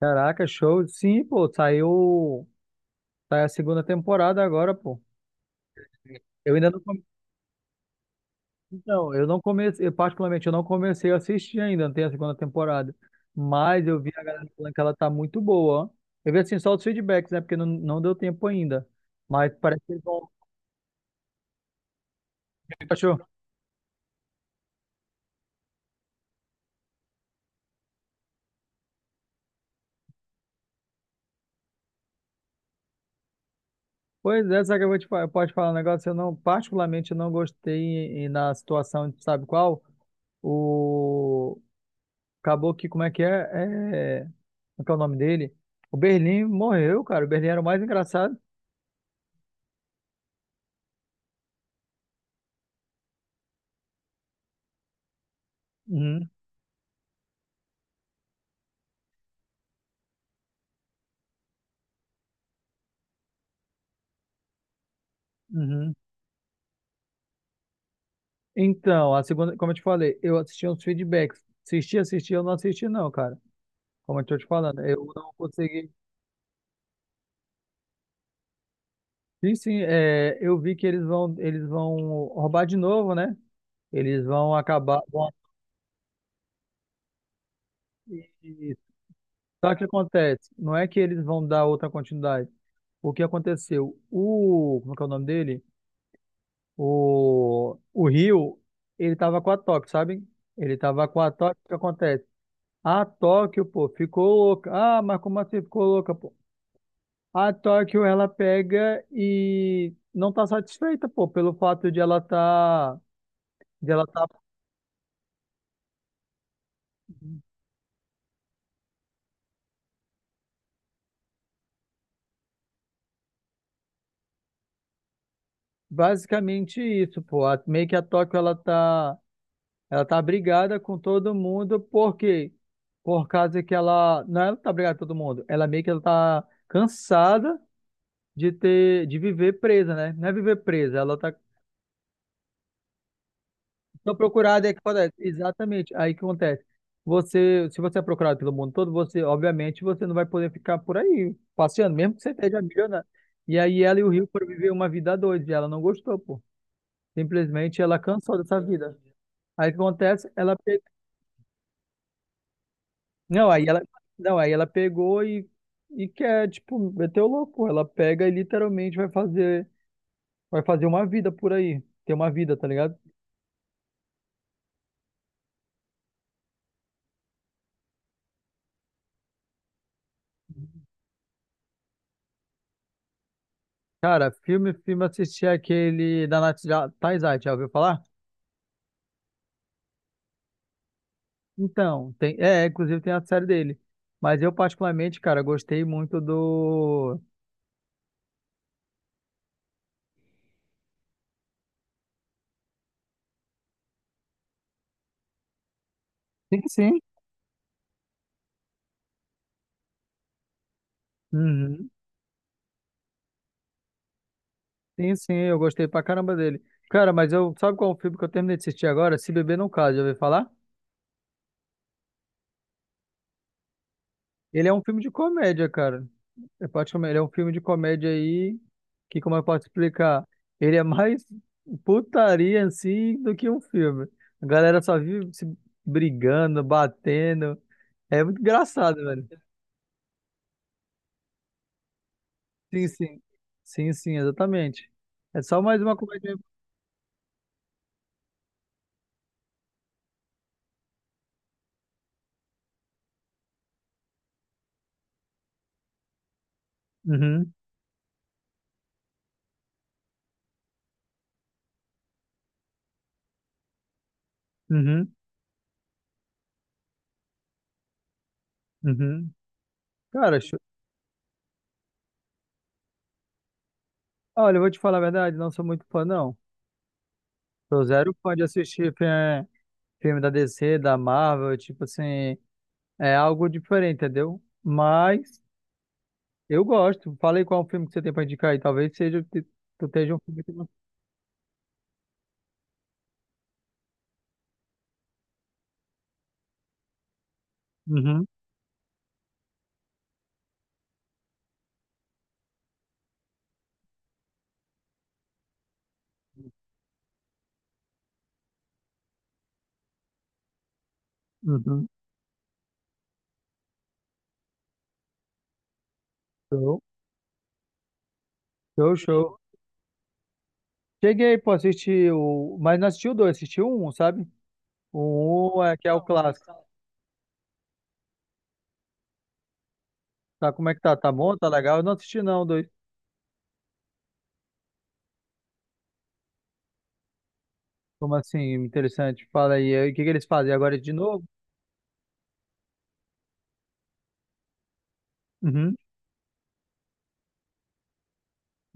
Caraca, show. Sim, pô, saiu, sai a segunda temporada agora, pô. Eu ainda não, então, eu não comecei, eu, particularmente eu não comecei a assistir ainda, não tem a segunda temporada. Mas eu vi a galera falando que ela tá muito boa, ó. Eu vi assim só os feedbacks, né, porque não deu tempo ainda. Mas parece que eles vão, O que tu achou? Pois é, só que eu vou te falar, pode falar um negócio, eu não, particularmente eu não gostei e, na situação, sabe qual? O Acabou que, como é que é? É. Como é que é o nome dele? O Berlim morreu, cara. O Berlim era o mais engraçado. Uhum, uhum. Então, a segunda, como eu te falei, eu assisti uns feedbacks. Eu não assisti, não, cara. Como eu tô te falando, eu não consegui. Sim, sim, é, eu vi que eles vão roubar de novo, né? Eles vão acabar. E- Só que acontece, não é que eles vão dar outra continuidade. O que aconteceu? O, como é que é o nome dele? O Rio, ele tava com a Tóquio, sabe? Ele tava com a Tóquio, o que acontece? A Tóquio, pô, ficou louca. Ah, mas como assim ficou louca, pô? A Tóquio, ela pega e não tá satisfeita, pô, pelo fato de ela tá basicamente isso, pô. Meio que a Tóquio, ela tá brigada com todo mundo, por quê? Por causa que ela, não, é ela tá brigada com todo mundo, ela meio que ela tá cansada de ter, de viver presa, né? Não é viver presa, ela tá tão procurada, é que acontece. Exatamente, aí que acontece. Você, se você é procurado pelo mundo todo, você, obviamente, você não vai poder ficar por aí passeando, mesmo que você esteja milionário. E aí ela e o Rio foram viver uma vida doida, e ela não gostou, pô. Simplesmente ela cansou dessa vida. Aí o que acontece? Ela pe... não, aí ela não, aí ela pegou e quer, tipo, meter o louco. Ela pega e literalmente vai fazer uma vida por aí. Ter uma vida, tá ligado? Cara, filme, assisti aquele da Taizai, já ouviu falar? Então, tem, é, inclusive tem a série dele. Mas eu particularmente, cara, gostei muito do... Sim, sim. Uhum. Sim, sim, eu gostei pra caramba dele. Cara, mas eu, sabe qual é o filme que eu terminei de assistir agora? Se Beber Não Case, já ouviu falar? Ele é um filme de comédia, cara. Ele é um filme de comédia aí que, como eu posso explicar, ele é mais putaria em si do que um filme. A galera só vive se brigando, batendo. É muito engraçado, velho. Sim, sim. Sim, sim, exatamente. É só mais uma comédia. Uhum, uhum, uhum. Cara, cho- olha, eu vou te falar a verdade, não sou muito fã, não. Sou zero fã de assistir filme da DC, da Marvel, tipo assim. É algo diferente, entendeu? Mas eu gosto. Falei qual é o filme que você tem pra indicar aí. Talvez seja que tu esteja um filme que... Uhum, uhum. Show, show, show. Cheguei, pô, assistir o... Mas não assisti o dois, assisti o um, sabe? O um é que é o clássico. Tá, como é que tá? Tá bom? Tá legal? Eu não assisti não, o dois. Como assim? Interessante. Fala aí. O que que eles fazem agora de novo? Uhum,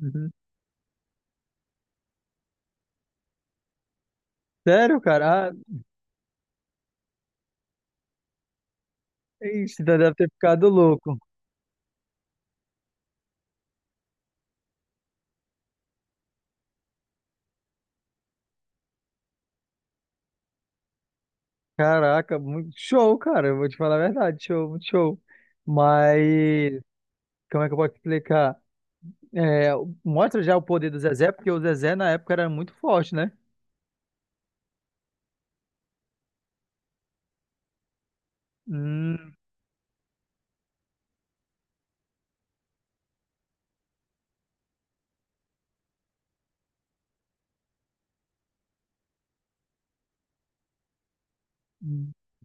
uhum. Sério, cara? Ah, ixi, então deve ter ficado louco. Caraca, muito show, cara. Eu vou te falar a verdade, show, muito show. Mas como é que eu posso explicar? É, mostra já o poder do Zezé, porque o Zezé na época era muito forte, né? Hum,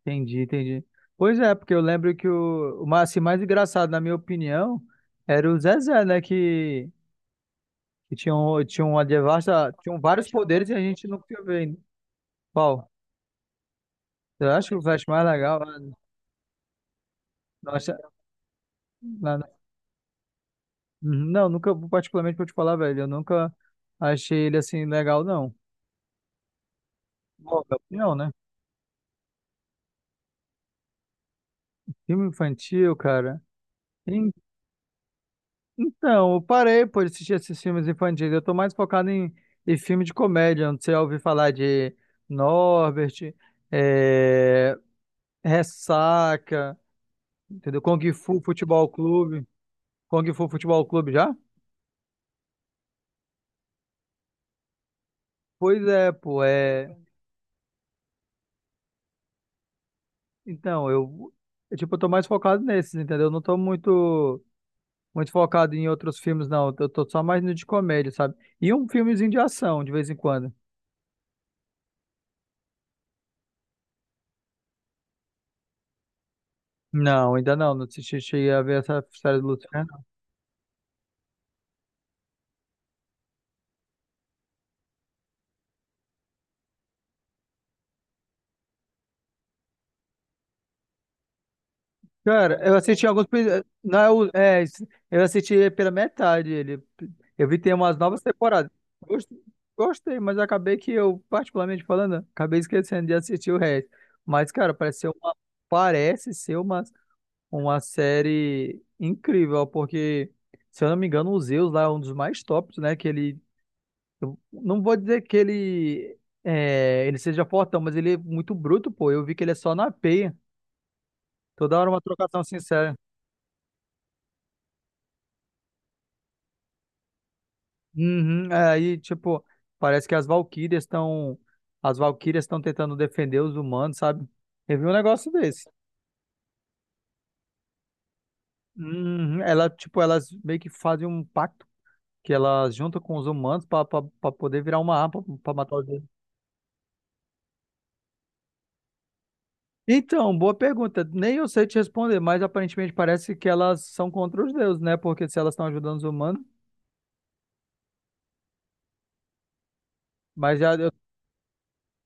entendi, entendi. Pois é, porque eu lembro que assim, mais engraçado, na minha opinião, era o Zezé, né? Que tinha, tinha uma devasta, tinham vários poderes e a gente não tinha vendo. Qual? Eu acho que o Flash é mais legal. Né? Nossa, uhum. Não, nunca, particularmente pra eu te falar, velho, eu nunca achei ele assim legal, não. Nova. Opinião, né? Filme infantil, cara. En- Então, eu parei por assistir esses filmes infantis. Eu tô mais focado em filme de comédia, onde você já ouviu falar de Norbert, é, Ressaca, entendeu? Kung Fu Futebol Clube. Kung Fu Futebol Clube já? Pois é, pô. É... Então, tipo, eu tô mais focado nesses, entendeu? Eu não tô muito. Muito focado em outros filmes, não. Eu tô só mais no de comédia, sabe? E um filmezinho de ação, de vez em quando. Não, ainda não. Não assisti, cheguei a ver essa série do Luciano. Cara, eu assisti alguns. Pe- Não, é o- é, eu assisti pela metade ele. Eu vi que tem umas novas temporadas. Gost- Gostei, mas acabei que eu, particularmente falando, acabei esquecendo de assistir o resto. Mas, cara, parece ser uma, uma série incrível, porque, se eu não me engano, o Zeus lá é um dos mais tops, né? Que ele eu não vou dizer que ele é, ele seja fortão, mas ele é muito bruto, pô. Eu vi que ele é só na peia. Toda hora uma trocação sincera. Uhum, é, aí, tipo, parece que as Valquírias estão tentando defender os humanos, sabe? Eu vi um negócio desse. Uhum, ela, tipo, elas meio que fazem um pacto que elas juntam com os humanos pra poder virar uma arma pra matar os deuses. Então, boa pergunta. Nem eu sei te responder, mas aparentemente parece que elas são contra os deuses, né? Porque se elas estão ajudando os humanos, Mas, já eu-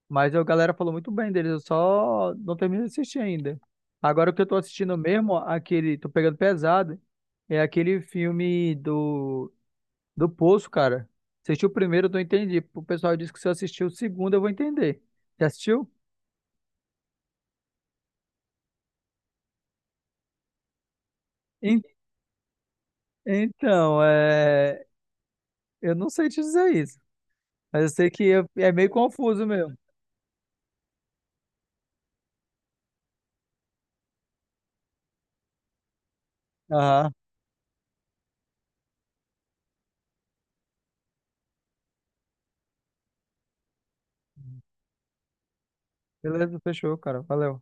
mas a galera falou muito bem deles, eu só não terminei de assistir ainda. Agora o que eu tô assistindo mesmo, aquele, tô pegando pesado, é aquele filme do Poço, cara. Assisti o primeiro, eu não entendi. O pessoal disse que se eu assistir o segundo, eu vou entender. Já assistiu? En- Então, é, eu não sei te dizer isso, mas eu sei que é meio confuso mesmo. Aham, beleza, fechou, cara, valeu.